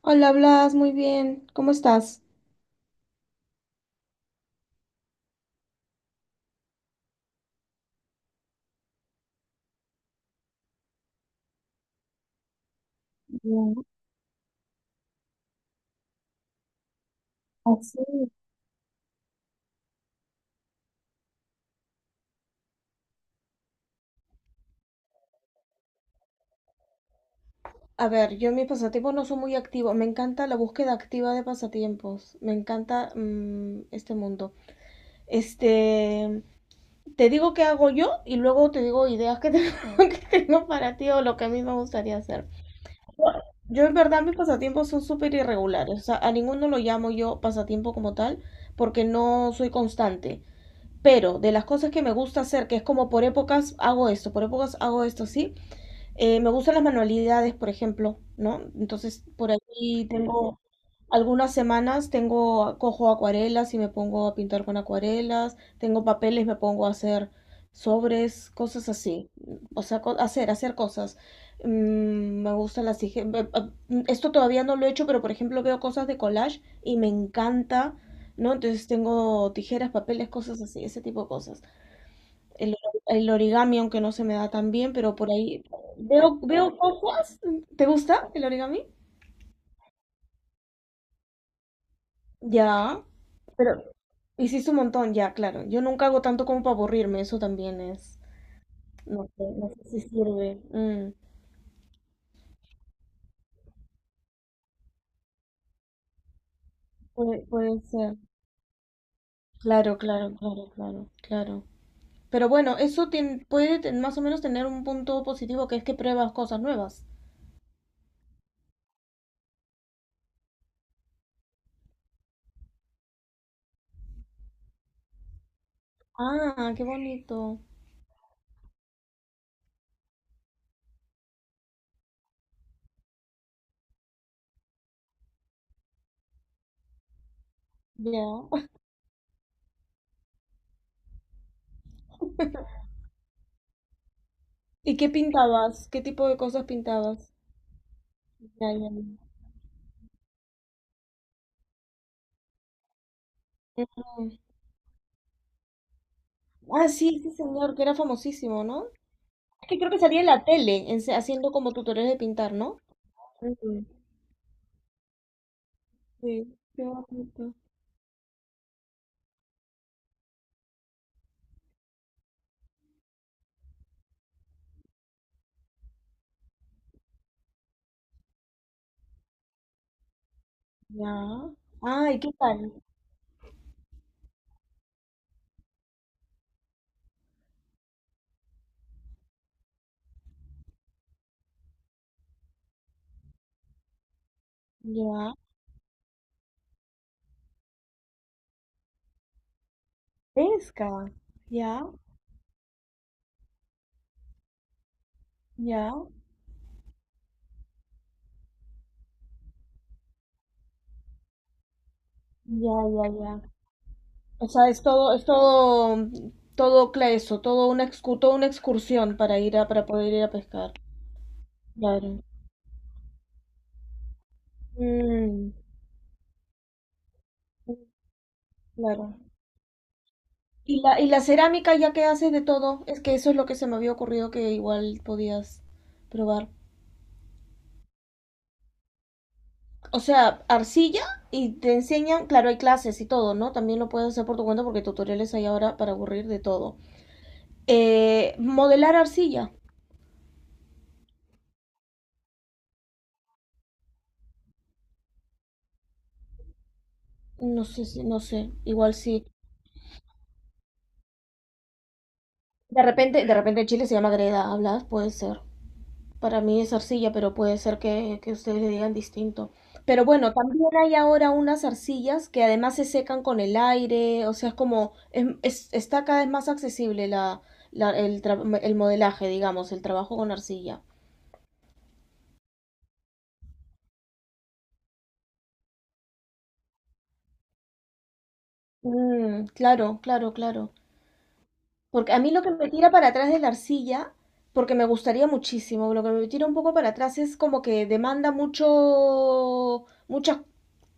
Hola, Blas, muy bien. ¿Cómo estás? Bien, así. A ver, yo en mis pasatiempos no soy muy activo. Me encanta la búsqueda activa de pasatiempos. Me encanta este mundo. Este, Te digo qué hago yo y luego te digo ideas que tengo, que tengo para ti o lo que a mí me gustaría hacer. Yo en verdad mis pasatiempos son súper irregulares. O sea, a ninguno lo llamo yo pasatiempo como tal porque no soy constante. Pero de las cosas que me gusta hacer, que es como por épocas hago esto, por épocas hago esto, sí. Me gustan las manualidades, por ejemplo, ¿no? Entonces, por ahí tengo algunas semanas, tengo, cojo acuarelas y me pongo a pintar con acuarelas, tengo papeles, me pongo a hacer sobres, cosas así. O sea, hacer, hacer cosas. Me gusta las... Esto todavía no lo he hecho, pero por ejemplo veo cosas de collage y me encanta, ¿no? Entonces tengo tijeras, papeles, cosas así, ese tipo de cosas. El, el origami, aunque no se me da tan bien, pero por ahí veo cosas. ¿Te gusta el origami? Ya, pero hiciste un montón, ya, claro. Yo nunca hago tanto como para aburrirme, eso también es. No sé, no sé si sirve. Puede ser. Claro, claro, claro, claro, claro. Pero bueno, eso más o menos tener un punto positivo que es que pruebas cosas nuevas. Ah, qué bonito. Ya. ¿Y qué pintabas? ¿Qué tipo de cosas pintabas? Ya, ya. Ya. Ah, sí, ese señor, que era famosísimo, ¿no? Es que creo que salía en la tele, haciendo como tutoriales de pintar, ¿no? Mm. Sí, qué bonito. Ya. Ay, ¿qué tal? Ya. Pesca. Ya, ya, ya, ya, ya. O sea, es todo, todo eso, todo una toda una excursión para ir a, para poder ir a pescar. Claro. Mm, sí, claro. Y la cerámica, ya que haces de todo, es que eso es lo que se me había ocurrido que igual podías probar. O sea, arcilla y te enseñan, claro, hay clases y todo, ¿no? También lo puedes hacer por tu cuenta porque tutoriales hay ahora para aburrir de todo. Modelar arcilla, no sé, no sé, igual sí. De repente en Chile se llama greda, hablas, puede ser. Para mí es arcilla, pero puede ser que ustedes le digan distinto. Pero bueno, también hay ahora unas arcillas que además se secan con el aire, o sea, es como, está cada vez más accesible el modelaje, digamos, el trabajo con arcilla. Claro, claro, claro. Porque a mí lo que me tira para atrás de la arcilla, porque me gustaría muchísimo, lo que me tira un poco para atrás es como que demanda mucho, muchas,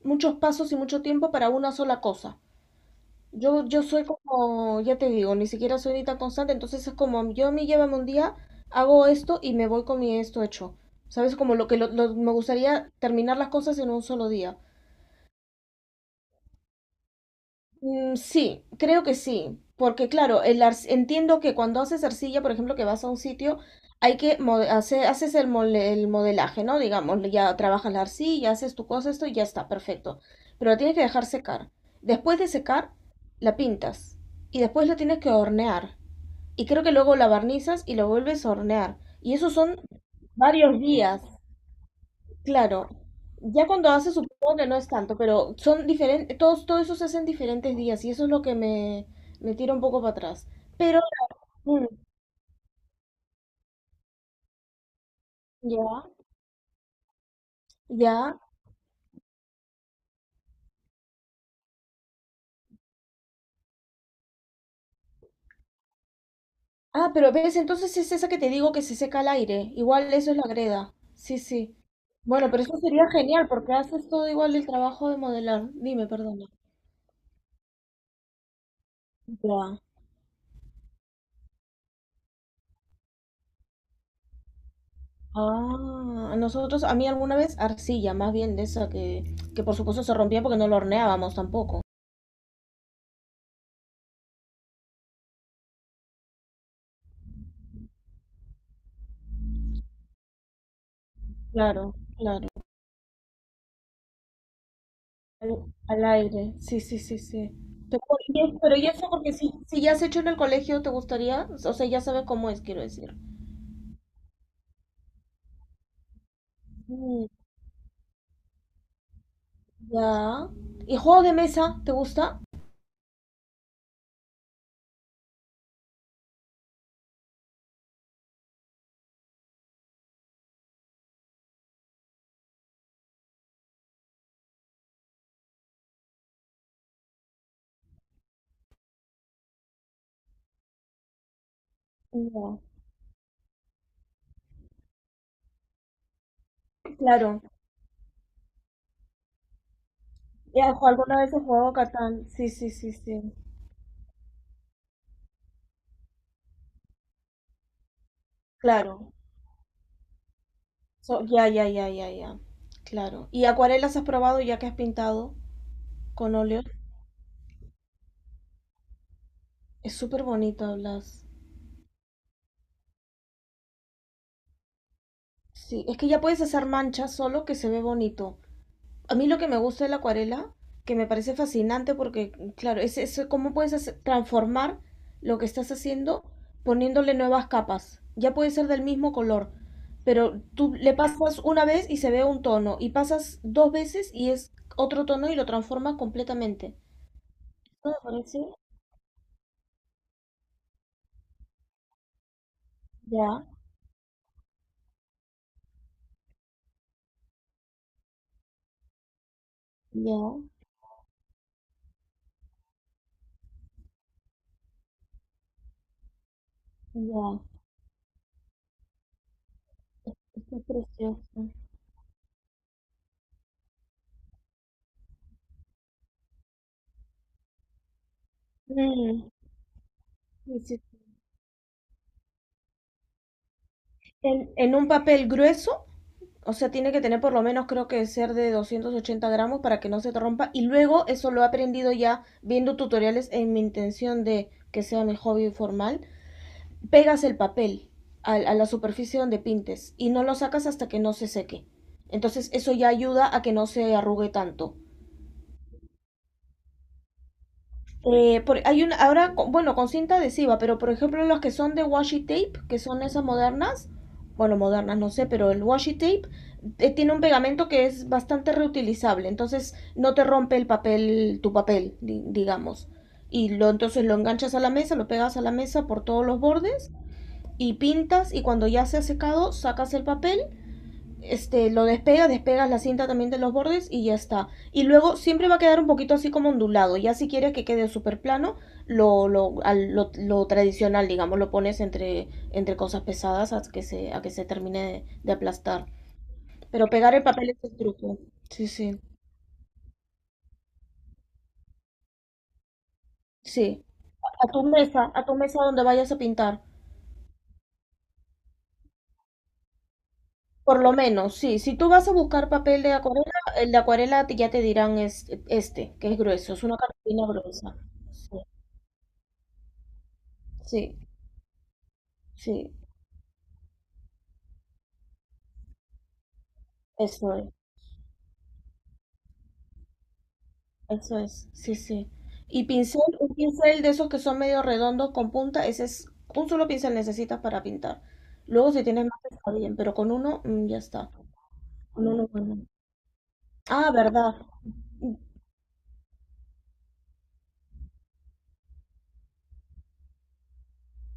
muchos pasos y mucho tiempo para una sola cosa. Yo soy como, ya te digo, ni siquiera soy ni tan constante, entonces es como, yo me llévame un día, hago esto y me voy con mi esto hecho. ¿Sabes? Como lo que me gustaría terminar las cosas en un solo día. Sí, creo que sí, porque claro, entiendo que cuando haces arcilla, por ejemplo, que vas a un sitio, hay que haces el modelaje, ¿no? Digamos, ya trabajas la arcilla, haces tu cosa, esto y ya está, perfecto. Pero la tienes que dejar secar. Después de secar, la pintas y después la tienes que hornear. Y creo que luego la barnizas y lo vuelves a hornear. Y eso son varios días, claro. Ya cuando haces supongo que no es tanto, pero son diferentes, todos, todo eso se hace en diferentes días y eso es lo que me tira un poco para atrás. Pero, mm, ya, ya. Ah, pero ves, entonces es esa que te digo que se seca al aire. Igual eso es la greda. Sí, sí. Bueno, pero eso sería genial porque haces todo igual el trabajo de modelar. Dime, perdona. Ya. Ah, nosotros, a mí alguna vez arcilla, más bien de esa que por supuesto se rompía porque no lo horneábamos tampoco. Claro, claro. Al, al aire, sí, sí, sí, sí. Pero, pero y eso porque si, si ya has hecho en el colegio, ¿te gustaría? O sea, ya sabes cómo es, quiero decir. Mm, ya. ¿Y juego de mesa? ¿Te gusta? No, claro. Ya, alguna vez he jugado Catán. Sí, sí, sí, sí. Claro. Ya, ya, ya, ya, ya. Claro. ¿Y acuarelas has probado ya que has pintado? Con óleo. Es súper bonito, Blas. Sí, es que ya puedes hacer manchas solo que se ve bonito. A mí lo que me gusta de la acuarela, que me parece fascinante porque, claro, es cómo puedes transformar lo que estás haciendo poniéndole nuevas capas. Ya puede ser del mismo color, pero tú le pasas una vez y se ve un tono, y pasas dos veces y es otro tono y lo transformas completamente. Esto me parece, ya, ya, ya, esto es precioso. Mm, sí, sí. En un papel grueso, o sea, tiene que tener por lo menos creo que ser de 280 gramos para que no se te rompa. Y luego eso lo he aprendido ya viendo tutoriales en mi intención de que sea mi hobby formal. Pegas el papel a la superficie donde pintes y no lo sacas hasta que no se seque. Entonces eso ya ayuda a que no se arrugue tanto. Hay una, ahora, bueno, con cinta adhesiva, pero por ejemplo las que son de washi tape, que son esas modernas, bueno, modernas no sé, pero el washi tape tiene un pegamento que es bastante reutilizable, entonces no te rompe el papel, tu papel, digamos. Entonces lo enganchas a la mesa, lo pegas a la mesa por todos los bordes y pintas y cuando ya se ha secado, sacas el papel este, lo despegas, despegas la cinta también de los bordes y ya está. Y luego siempre va a quedar un poquito así como ondulado. Ya si quieres que quede súper plano, lo tradicional, digamos, lo pones entre, entre cosas pesadas a que se termine de aplastar. Pero pegar el papel es el truco. Sí, sí. Sí. A tu mesa donde vayas a pintar. Por lo menos, sí. Si tú vas a buscar papel de acuarela, el de acuarela ya te dirán es, este, que es grueso, es una cartulina gruesa. Sí, sí, sí. Eso es, eso es, sí, sí. Y pincel, un pincel de esos que son medio redondos con punta, ese es un solo pincel necesitas para pintar. Luego si tienes más está bien, pero con uno ya está. Con uno, bueno. Ah, verdad.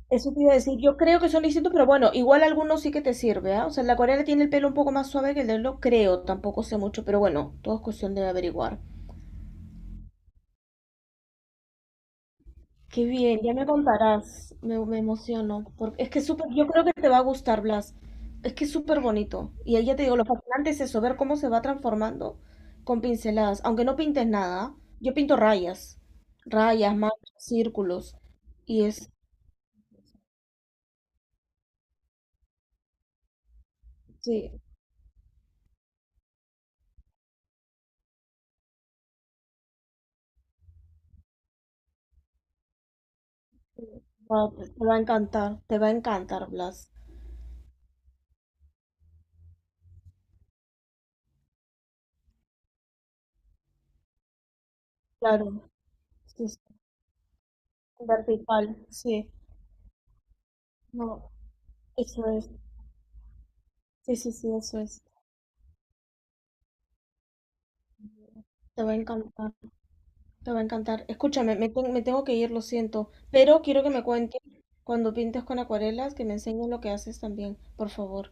Eso te iba a decir, yo creo que son distintos, pero bueno, igual algunos sí que te sirve, ¿ah? O sea, la acuarela tiene el pelo un poco más suave que el de lo creo, tampoco sé mucho, pero bueno, todo es cuestión de averiguar. Qué bien, ya me contarás. Me emociono. Porque es que es súper, yo creo que te va a gustar, Blas. Es que es súper bonito. Y ahí ya te digo, lo fascinante es eso, ver cómo se va transformando con pinceladas. Aunque no pintes nada, yo pinto rayas. Rayas, manchas, círculos. Y es, sí, va- te va a encantar, te va a encantar, Blas. Claro, sí, sí, vertical, sí. No, eso es. Sí, sí, sí, eso es. Te va a encantar. Te va a encantar. Escúchame, me tengo que ir, lo siento, pero quiero que me cuentes cuando pintes con acuarelas, que me enseñes lo que haces también, por favor.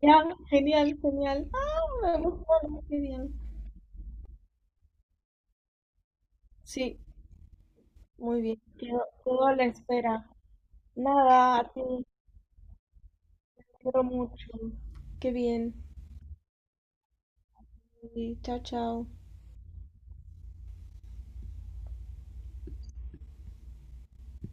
Ya, genial, genial. Ah, emociono, qué bien. Sí, muy bien. Quedo, quedo a la espera. Nada, a ti, te quiero mucho. Qué bien. Sí, chao, chao.